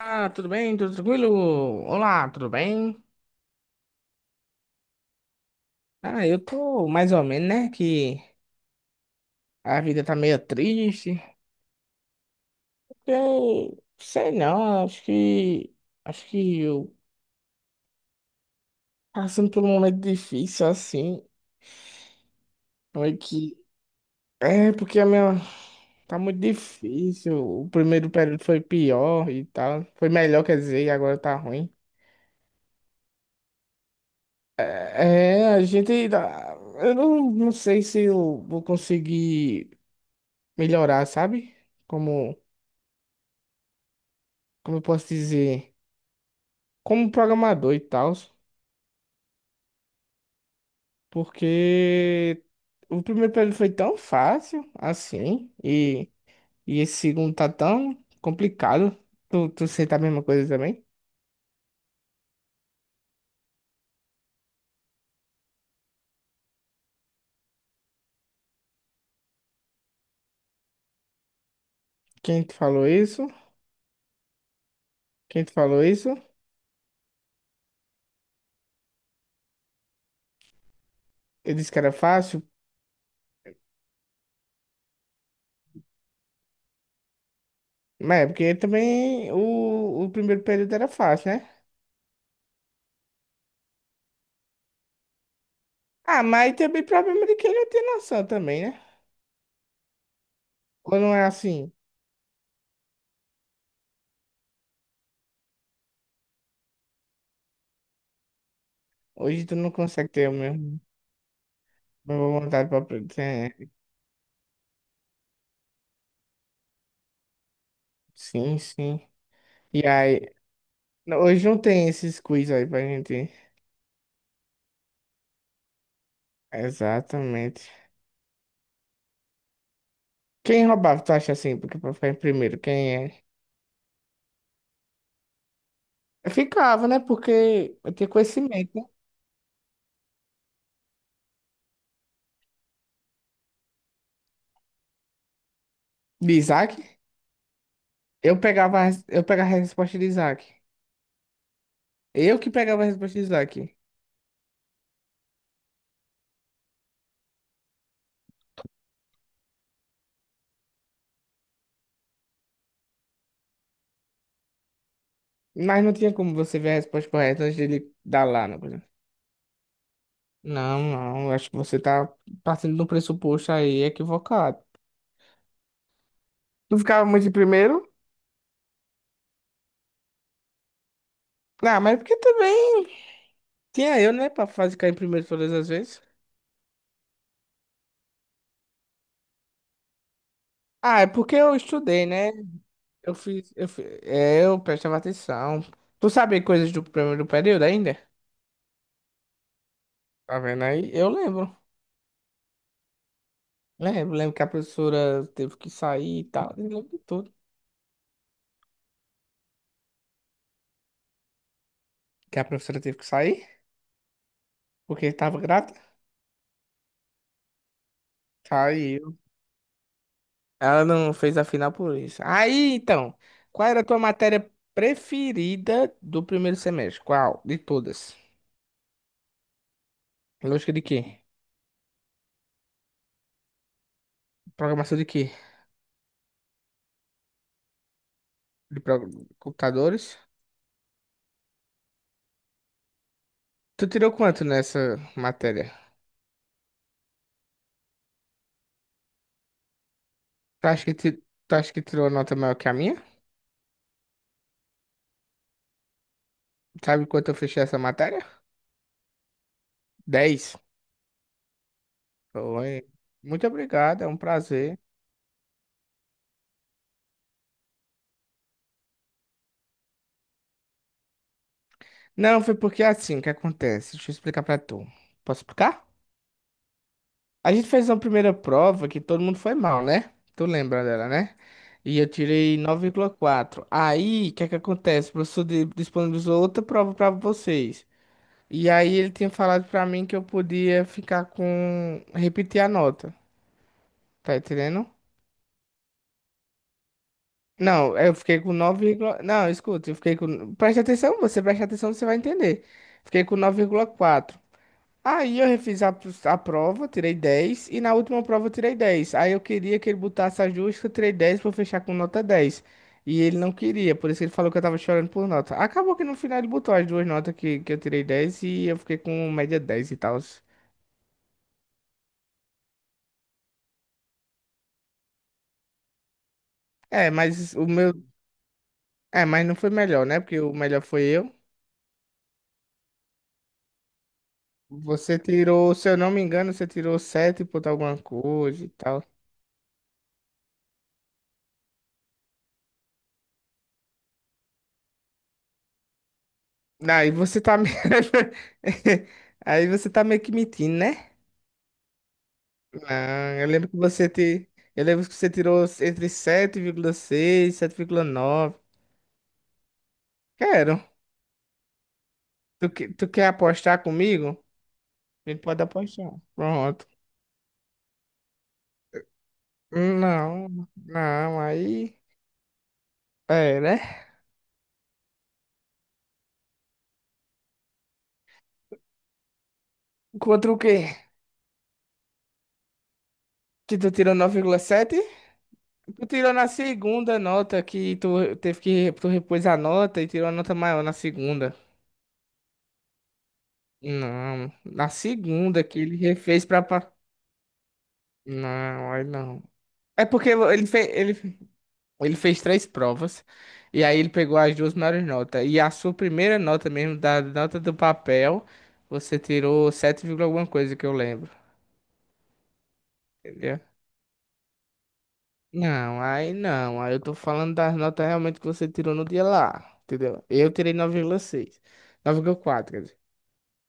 Ah, tudo bem? Tudo tranquilo? Olá, tudo bem? Ah, eu tô mais ou menos, né? Que a vida tá meio triste. Eu sei não, Acho que eu passando por um momento difícil assim. Foi que. É, porque a minha. Tá muito difícil. O primeiro período foi pior e tal. Foi melhor, quer dizer, e agora tá ruim. É, a gente. Eu não sei se eu vou conseguir melhorar, sabe? Como. Como eu posso dizer, como programador e tal, porque o primeiro período foi tão fácil assim, e esse segundo tá tão complicado. Tu sente a mesma coisa também? Quem te falou isso? Quem te falou isso? Eu disse que era fácil, mas é porque também o primeiro período era fácil, né? Ah, mas também problema de quem não tem noção também, né? Ou não é assim? Hoje tu não consegue ter o mesmo, a mesma vontade pra aprender. Sim, sim. E aí, não, hoje não tem esses quiz aí pra gente. Exatamente. Quem roubava, tu acha assim? Porque pra ficar em primeiro, quem é? Eu ficava, né? Porque eu tinha conhecimento, né? De Isaac. Eu pegava a resposta de Isaac. Eu que pegava a resposta de Isaac. Mas não tinha como você ver a resposta correta antes dele dar lá, né? Por exemplo. Não, não. Eu acho que você tá partindo de um pressuposto aí equivocado. Tu ficava muito em primeiro? Ah, mas é porque também tinha eu, né? Pra fazer cair em primeiro todas as vezes. Ah, é porque eu estudei, né? Eu fiz, eu fi- é, Eu prestava atenção. Tu sabe coisas do primeiro período ainda? Tá vendo aí? Eu lembro. Lembro, lembro que a professora teve que sair e tal. Eu lembro de tudo. Que a professora teve que sair porque tava grata. Saiu. Ela não fez a final por isso. Aí, então, qual era a tua matéria preferida do primeiro semestre? Qual? De todas? Lógica de quê? Programação de quê? De pro- Computadores? Tu tirou quanto nessa matéria? Tu acha que tirou nota maior que a minha? Sabe quanto eu fechei essa matéria? 10. Foi. Muito obrigado, é um prazer. Não, foi porque é assim que acontece. Deixa eu explicar pra tu. Posso explicar? A gente fez uma primeira prova que todo mundo foi mal, né? Tu lembra dela, né? E eu tirei 9,4. Aí, o que é que acontece? O disponibilizou outra prova pra vocês. E aí ele tinha falado pra mim que eu podia ficar com... Repetir a nota. Tá entendendo? Não, eu fiquei com 9, não, escuta, eu fiquei com, preste atenção, você vai entender. Fiquei com 9,4. Aí eu refiz a prova, tirei 10 e na última prova eu tirei 10. Aí eu queria que ele botasse a justa, eu tirei 10 para fechar com nota dez. E ele não queria, por isso que ele falou que eu tava chorando por nota. Acabou que no final ele botou as duas notas que eu tirei 10 e eu fiquei com média 10 e tal. É, mas o meu, é, mas não foi melhor, né? Porque o melhor foi eu. Você tirou, se eu não me engano, você tirou 7 ponto alguma coisa e tal. Aí você tá me... Aí você tá meio que mentindo, né? Não, eu lembro que você te... Eu lembro que você tirou entre 7,6 e 7,9. Quero. Tu quer apostar comigo? A gente pode apostar. Pronto. Não, não, aí... É, né? Contra o quê? Que tu tirou 9,7? Tu tirou na segunda nota que tu teve que tu repôs a nota e tirou a nota maior na segunda. Não, na segunda que ele não, aí não. É porque ele fez, ele fez três provas e aí ele pegou as duas maiores notas. E a sua primeira nota mesmo, da nota do papel, você tirou 7 vírgula alguma coisa que eu lembro. Entendeu? Não, aí não. Aí eu tô falando das notas realmente que você tirou no dia lá. Entendeu? Eu tirei 9,6. 9,4.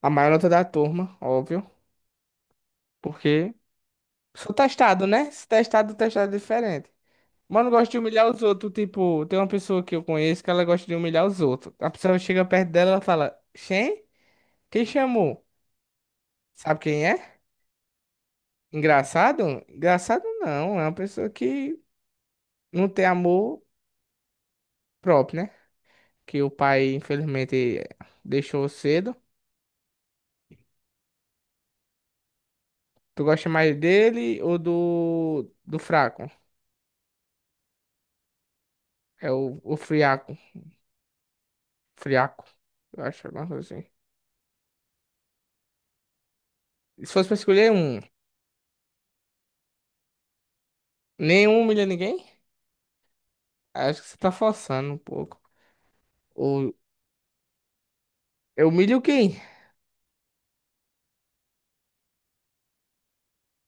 A maior nota da turma, óbvio. Porque sou testado, né? Se testado, testado é diferente. Mano, gosto de humilhar os outros. Tipo, tem uma pessoa que eu conheço que ela gosta de humilhar os outros. A pessoa chega perto dela e ela fala: Xem? Quem chamou? Sabe quem é? Engraçado? Engraçado não. É uma pessoa que não tem amor próprio, né? Que o pai, infelizmente, deixou cedo. Tu gosta mais dele ou do fraco? É o friaco. Friaco, eu acho, alguma coisa assim. Se fosse pra escolher um, nenhum humilha ninguém? Acho que você tá forçando um pouco. O, eu humilho quem?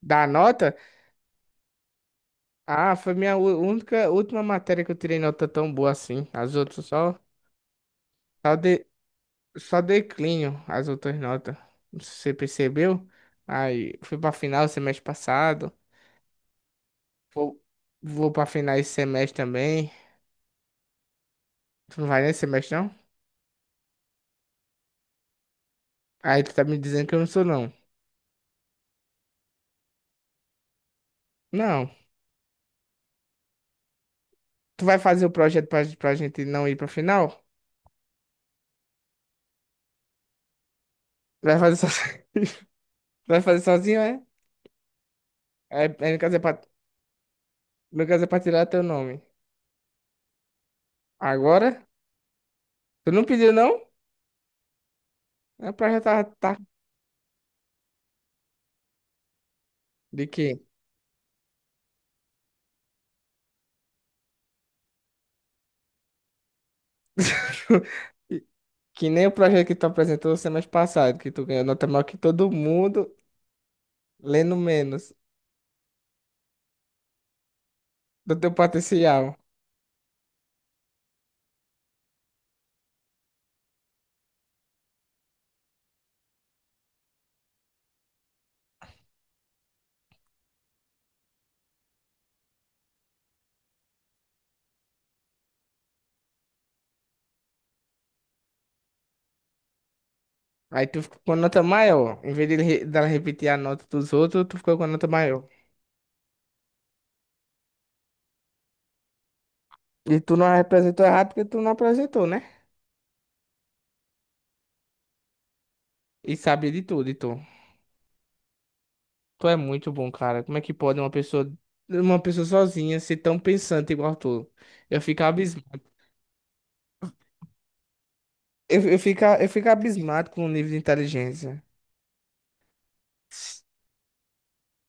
Dá nota? Ah, foi minha única, última matéria que eu tirei nota tão boa assim. As outras só, só, de, só declínio, as outras notas. Não sei se você percebeu. Aí, fui pra final semestre passado. Vou, vou pra final esse semestre também. Tu não vai nesse semestre, não? Aí tu tá me dizendo que eu não sou, não. Não. Tu vai fazer o projeto pra gente não ir pra final? Vai fazer só. Tu vai fazer sozinho, é? É, é, no caso é pra, no caso é pra tirar teu nome. Agora? Tu não pediu, não? É pra já tá, tá. De quê? Que nem o projeto que tu apresentou semestre passado, que tu ganhou nota maior que todo mundo, lendo menos do teu potencial. Aí tu ficou com nota maior. Em vez de ele dela repetir a nota dos outros, tu ficou com a nota maior. E tu não apresentou errado porque tu não apresentou, né? E sabia de tudo, e tu. Tu é muito bom, cara. Como é que pode uma pessoa sozinha ser tão pensante igual tu? Eu fico abismado. Eu fico abismado com o nível de inteligência.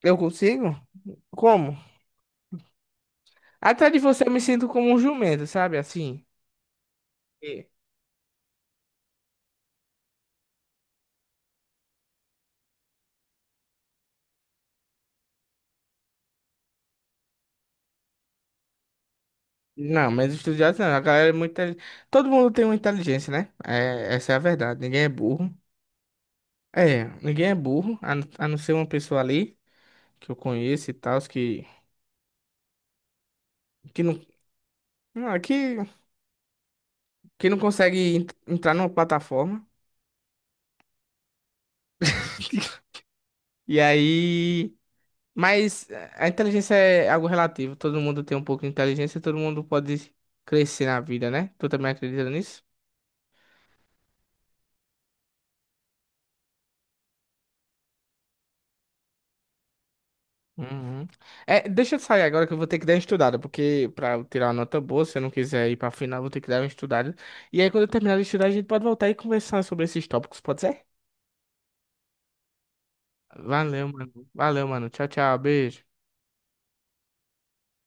Eu consigo? Como? Atrás de você eu me sinto como um jumento, sabe? Assim. E- Não, mas estudiosos não. A galera é muito todo mundo tem uma inteligência, né? É, essa é a verdade. Ninguém é burro. É, ninguém é burro, a não ser uma pessoa ali que eu conheço e tal, que não, não, que não consegue entrar numa plataforma. E aí. Mas a inteligência é algo relativo. Todo mundo tem um pouco de inteligência, todo mundo pode crescer na vida, né? Tu também acredita nisso? Uhum. É, deixa eu sair agora que eu vou ter que dar uma estudada, porque pra eu tirar uma nota boa, se eu não quiser ir pra final, eu vou ter que dar uma estudada. E aí, quando eu terminar de estudar, a gente pode voltar e conversar sobre esses tópicos, pode ser? Valeu, mano. Valeu, mano. Tchau, tchau. Beijo.